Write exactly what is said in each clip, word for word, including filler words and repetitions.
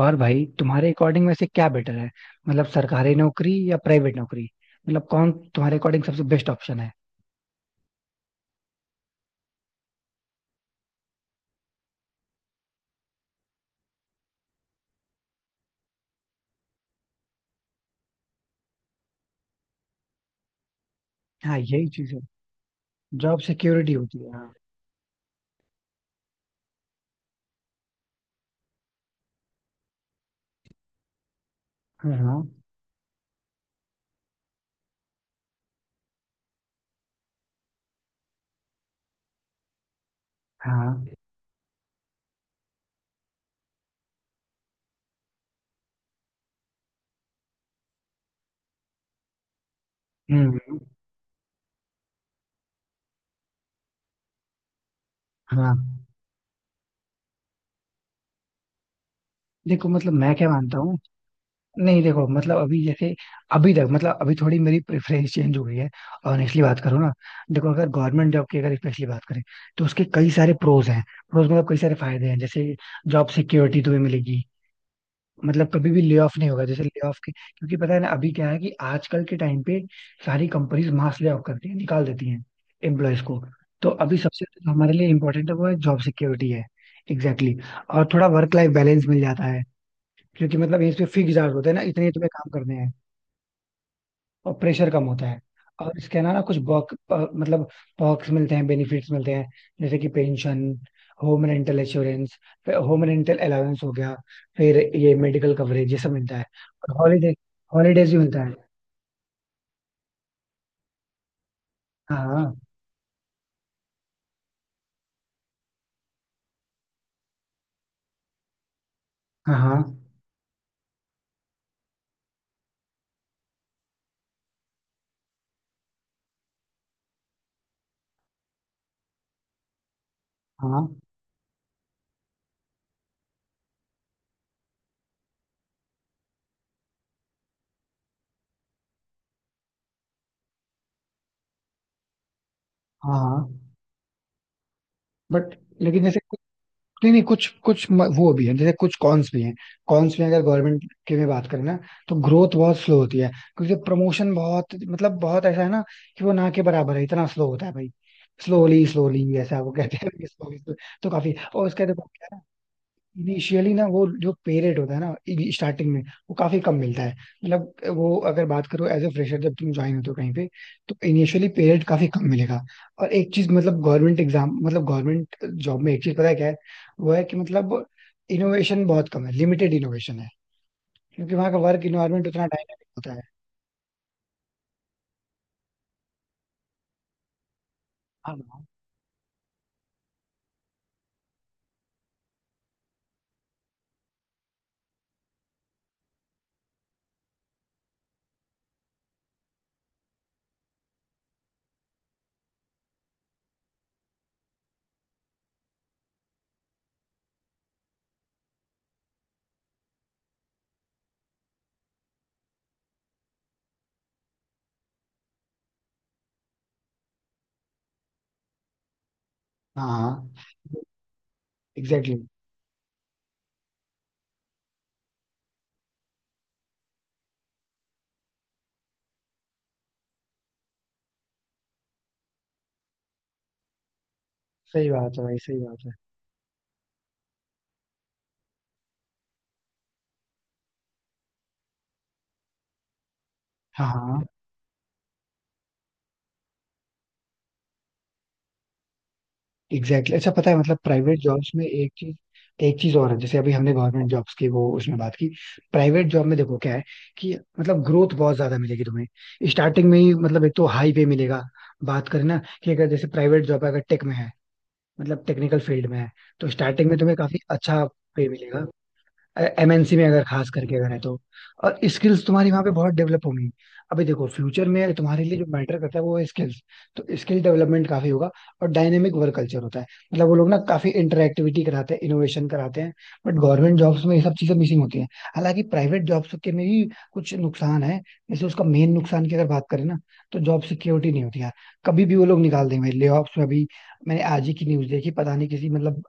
और भाई, तुम्हारे अकॉर्डिंग में से क्या बेटर है? मतलब सरकारी नौकरी या प्राइवेट नौकरी? मतलब कौन तुम्हारे अकॉर्डिंग सबसे बेस्ट ऑप्शन है? हाँ, यही चीज है. जॉब सिक्योरिटी होती है. हाँ. हाँ. हाँ. हम्म. हाँ. देखो मतलब मैं क्या मानता हूँ. नहीं देखो, मतलब अभी जैसे, अभी तक मतलब, अभी थोड़ी मेरी प्रेफरेंस चेंज हो गई है. ऑनेस्टली बात करूँ ना, देखो अगर गवर्नमेंट जॉब की अगर स्पेशली बात करें, तो उसके कई सारे प्रोज हैं. प्रोज मतलब कई सारे फायदे हैं. जैसे जॉब सिक्योरिटी तुम्हें मिलेगी. मतलब कभी भी ले ऑफ नहीं होगा. जैसे ले ऑफ के, क्योंकि पता है ना अभी क्या है कि आजकल के टाइम पे सारी कंपनीज मास ले ऑफ करती हैं, निकाल देती हैं एम्प्लॉयज को. तो अभी सबसे जो हमारे लिए इम्पोर्टेंट है वो है जॉब सिक्योरिटी है. Exactly exactly. और थोड़ा वर्क लाइफ बैलेंस मिल जाता है, क्योंकि मतलब इसमें फिक्स आवर्स होते हैं ना, इतने ही तुम्हें काम करने हैं. और प्रेशर कम होता है. और इसके अलावा कुछ बॉक अ, मतलब perks मिलते हैं, बेनिफिट्स मिलते हैं. जैसे कि pension, home rental insurance, home rental allowance हो गया, फिर ये मेडिकल कवरेज, ये सब मिलता है. और हॉलीडे हॉलीडेज भी मिलता है. हाँ. हाँ. हाँ. हाँ. हाँ. हाँ. बट लेकिन जैसे, नहीं नहीं, कुछ कुछ म- वो भी है, जैसे कुछ कॉन्स भी हैं. कॉन्स में अगर गवर्नमेंट की में बात करें ना, तो ग्रोथ बहुत स्लो होती है. क्योंकि प्रमोशन बहुत मतलब बहुत ऐसा है ना, कि वो ना के बराबर है, इतना स्लो होता है भाई. स्लोली स्लोली ऐसा वो कहते हैं स्लोली. तो काफी. और उसका देखो, इनिशियली ना वो जो पे रेट होता है ना, स्टार्टिंग में वो काफी कम मिलता है. मतलब वो अगर बात करो एज ए फ्रेशर जब तुम ज्वाइन होते हो तो कहीं पे, तो इनिशियली पे रेट काफी कम मिलेगा. और एक चीज मतलब गवर्नमेंट एग्जाम मतलब गवर्नमेंट जॉब में, एक चीज पता है क्या है? वो है कि मतलब इनोवेशन बहुत कम है, लिमिटेड इनोवेशन है. क्योंकि वहाँ का वर्क इन्वायरमेंट उतना डायनामिक होता है. हाँ. हाँ. एग्जैक्टली. सही बात है भाई, सही बात है. हाँ. हाँ. Exactly exactly. अच्छा पता है मतलब प्राइवेट जॉब्स में एक चीज एक चीज और है. जैसे अभी हमने गवर्नमेंट जॉब्स की वो उसमें बात की. प्राइवेट जॉब में देखो क्या है, कि मतलब ग्रोथ बहुत ज्यादा मिलेगी तुम्हें. स्टार्टिंग में ही मतलब एक तो हाई पे मिलेगा. बात करें ना कि अगर जैसे प्राइवेट जॉब अगर टेक में है, मतलब टेक्निकल फील्ड में है, तो स्टार्टिंग में तुम्हें काफी अच्छा पे मिलेगा. एम एन सी में अगर खास करके अगर है तो. और स्किल्स तुम्हारी वहां पे बहुत डेवलप होंगी. अभी देखो फ्यूचर में तुम्हारे लिए जो मैटर करता है वो है स्किल्स. तो स्किल डेवलपमेंट काफी होगा. और डायनेमिक वर्क कल्चर होता है. मतलब वो लोग ना काफी इंटरएक्टिविटी कराते हैं, इनोवेशन कराते हैं. बट गवर्नमेंट जॉब्स में ये सब चीजें मिसिंग होती हैं. हालांकि प्राइवेट जॉब्स के में भी कुछ नुकसान है. जैसे उसका मेन नुकसान की अगर बात करें ना, तो जॉब सिक्योरिटी नहीं होती यार. कभी भी वो लोग निकाल देंगे ले ऑफ्स में. अभी मैंने आज ही की न्यूज देखी, पता नहीं किसी मतलब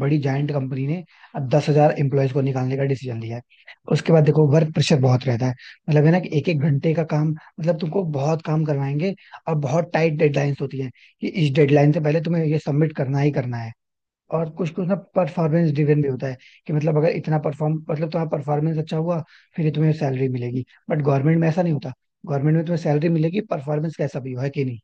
बड़ी जायंट कंपनी ने अब दस हजार एम्प्लॉयज को निकालने का डिसीजन लिया है. उसके बाद देखो वर्क प्रेशर बहुत रहता है. मतलब है ना कि एक एक घंटे का काम मतलब तुमको बहुत काम करवाएंगे. और बहुत टाइट डेडलाइंस होती है, कि इस डेडलाइन से पहले तुम्हें ये सबमिट करना ही करना है. और कुछ कुछ ना परफॉर्मेंस ड्रिवन भी होता है, कि मतलब अगर इतना परफॉर्म मतलब तुम्हारा परफॉर्मेंस अच्छा हुआ, फिर ही तुम्हें सैलरी मिलेगी. बट गवर्नमेंट में ऐसा नहीं होता. गवर्नमेंट में तुम्हें सैलरी मिलेगी परफॉर्मेंस कैसा भी हो, है कि नहीं?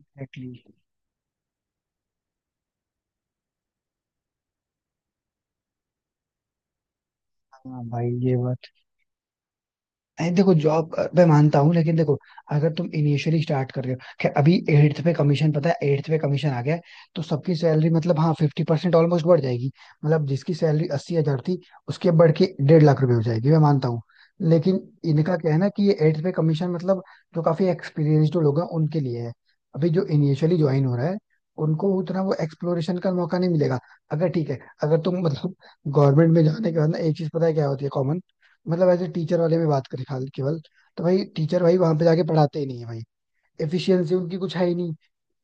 एग्जैक्टली. हाँ भाई, ये बात. अरे देखो, जॉब मैं मानता हूँ लेकिन देखो, अगर तुम इनिशियली स्टार्ट कर रहे हो, खैर अभी एट्थ पे कमीशन, पता है एट्थ पे कमीशन आ गया है. तो सबकी सैलरी मतलब हाँ फिफ्टी परसेंट ऑलमोस्ट बढ़ जाएगी. मतलब जिसकी सैलरी अस्सी हजार थी, उसके बढ़ के डेढ़ लाख रुपए हो जाएगी, मैं मानता हूँ. लेकिन इनका क्या है ना कि ये एट्थ पे कमीशन मतलब जो काफी एक्सपीरियंस्ड लोग हैं उनके लिए है. अभी जो इनिशियली ज्वाइन हो रहा है उनको उतना वो एक्सप्लोरेशन का मौका नहीं मिलेगा. अगर ठीक है, अगर तुम मतलब गवर्नमेंट में जाने के बाद ना, एक चीज पता है क्या होती है? मतलब एज ए टीचर वाले में बात करें खाली केवल, तो भाई टीचर भाई वहां पे जाके पढ़ाते ही नहीं है भाई. एफिशिएंसी उनकी कुछ है ही नहीं.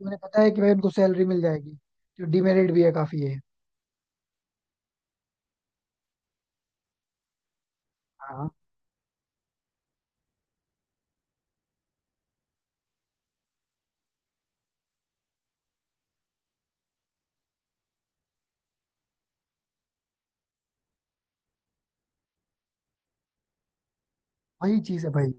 उन्हें पता है कि भाई उनको सैलरी मिल जाएगी. जो डिमेरिट भी है काफी है. हाँ, वही चीज है भाई.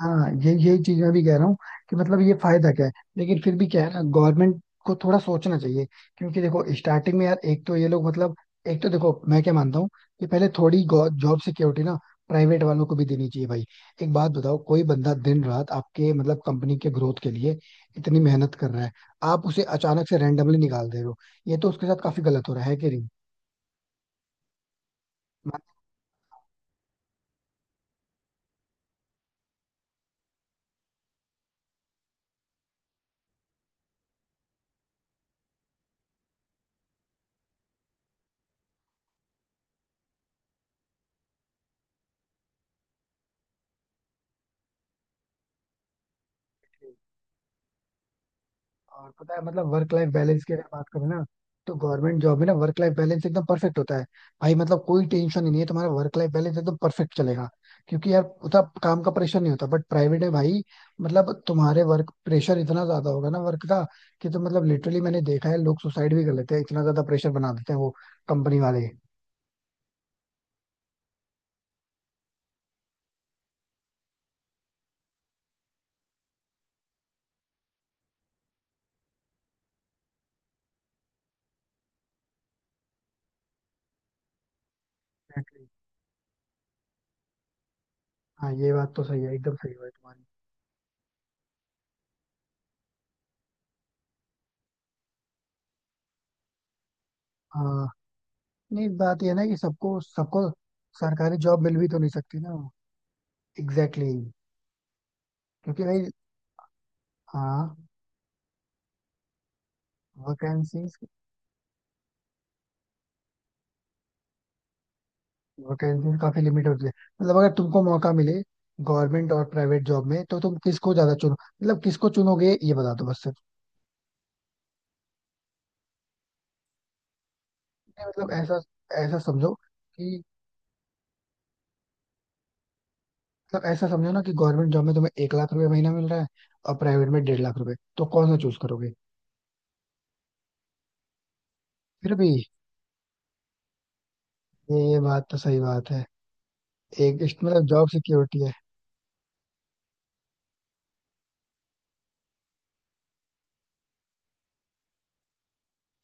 हाँ, ये यही चीज मैं भी कह रहा हूँ, कि मतलब ये फायदा क्या है. लेकिन फिर भी क्या है ना, गवर्नमेंट को थोड़ा सोचना चाहिए. क्योंकि देखो स्टार्टिंग में यार एक तो ये लोग मतलब, एक तो देखो मैं क्या मानता हूँ, कि पहले थोड़ी जॉब सिक्योरिटी ना प्राइवेट वालों को भी देनी चाहिए भाई. एक बात बताओ, कोई बंदा दिन रात आपके मतलब कंपनी के ग्रोथ के लिए इतनी मेहनत कर रहा है, आप उसे अचानक से रेंडमली निकाल दे रहे हो, ये तो उसके साथ काफी गलत हो रहा है कि नहीं? और पता है मतलब वर्क लाइफ बैलेंस की अगर बात करें ना, तो गवर्नमेंट जॉब में ना वर्क लाइफ बैलेंस एकदम परफेक्ट होता है. भाई मतलब कोई टेंशन ही नहीं है, तुम्हारा वर्क लाइफ बैलेंस एकदम परफेक्ट चलेगा. क्योंकि यार उतना काम का प्रेशर नहीं होता. बट प्राइवेट है भाई, मतलब तुम्हारे वर्क प्रेशर इतना ज्यादा होगा ना वर्क का, कि तो मतलब लिटरली मैंने देखा है लोग सुसाइड भी कर लेते हैं, इतना ज्यादा प्रेशर बना देते हैं वो कंपनी वाले. Exactly. हाँ, ये बात तो सही है, एकदम सही है तुम्हारी. हाँ. नहीं, बात ये है ना कि सबको सबको सरकारी जॉब मिल भी तो नहीं सकती ना. Exactly exactly. क्योंकि भाई. हाँ. वैकेंसीज वैकेंसीज काफी लिमिट होती है. मतलब अगर तुमको मौका मिले, गवर्नमेंट और प्राइवेट जॉब में, तो तुम किसको ज्यादा चुनो, मतलब किसको चुनोगे ये बता दो बस सिर्फ. नहीं, मतलब ऐसा ऐसा समझो कि मतलब ऐसा समझो ना कि गवर्नमेंट जॉब में तुम्हें एक लाख रुपए महीना मिल रहा है, और प्राइवेट में डेढ़ लाख रुपए, तो कौन सा चूज करोगे? फिर भी. ये बात तो सही बात है. एक इस- मतलब जॉब सिक्योरिटी है.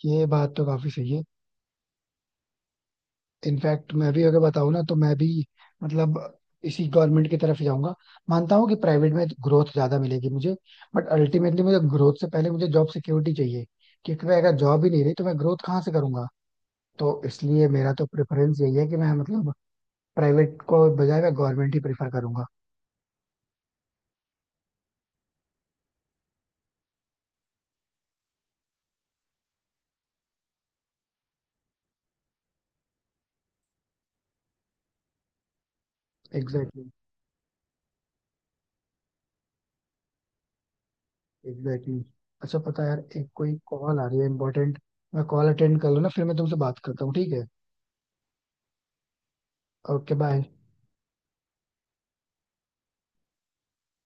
ये बात तो काफी सही है. इनफैक्ट मैं भी अगर बताऊँ ना, तो मैं भी मतलब इसी गवर्नमेंट की तरफ ही जाऊंगा. मानता हूँ कि प्राइवेट में ग्रोथ ज्यादा मिलेगी मुझे, बट अल्टीमेटली मुझे ग्रोथ से पहले मुझे जॉब सिक्योरिटी चाहिए. क्योंकि मैं अगर जॉब ही नहीं रही तो मैं ग्रोथ कहाँ से करूंगा? तो इसलिए मेरा तो प्रेफरेंस यही है कि मैं मतलब प्राइवेट को बजाय मैं गवर्नमेंट ही प्रेफर करूंगा. Exactly exactly. Exactly exactly. अच्छा पता है यार, एक कोई कॉल आ रही है इंपॉर्टेंट. मैं कॉल अटेंड कर लूँ ना, फिर मैं तुमसे बात करता हूँ, ठीक है? Okay bye.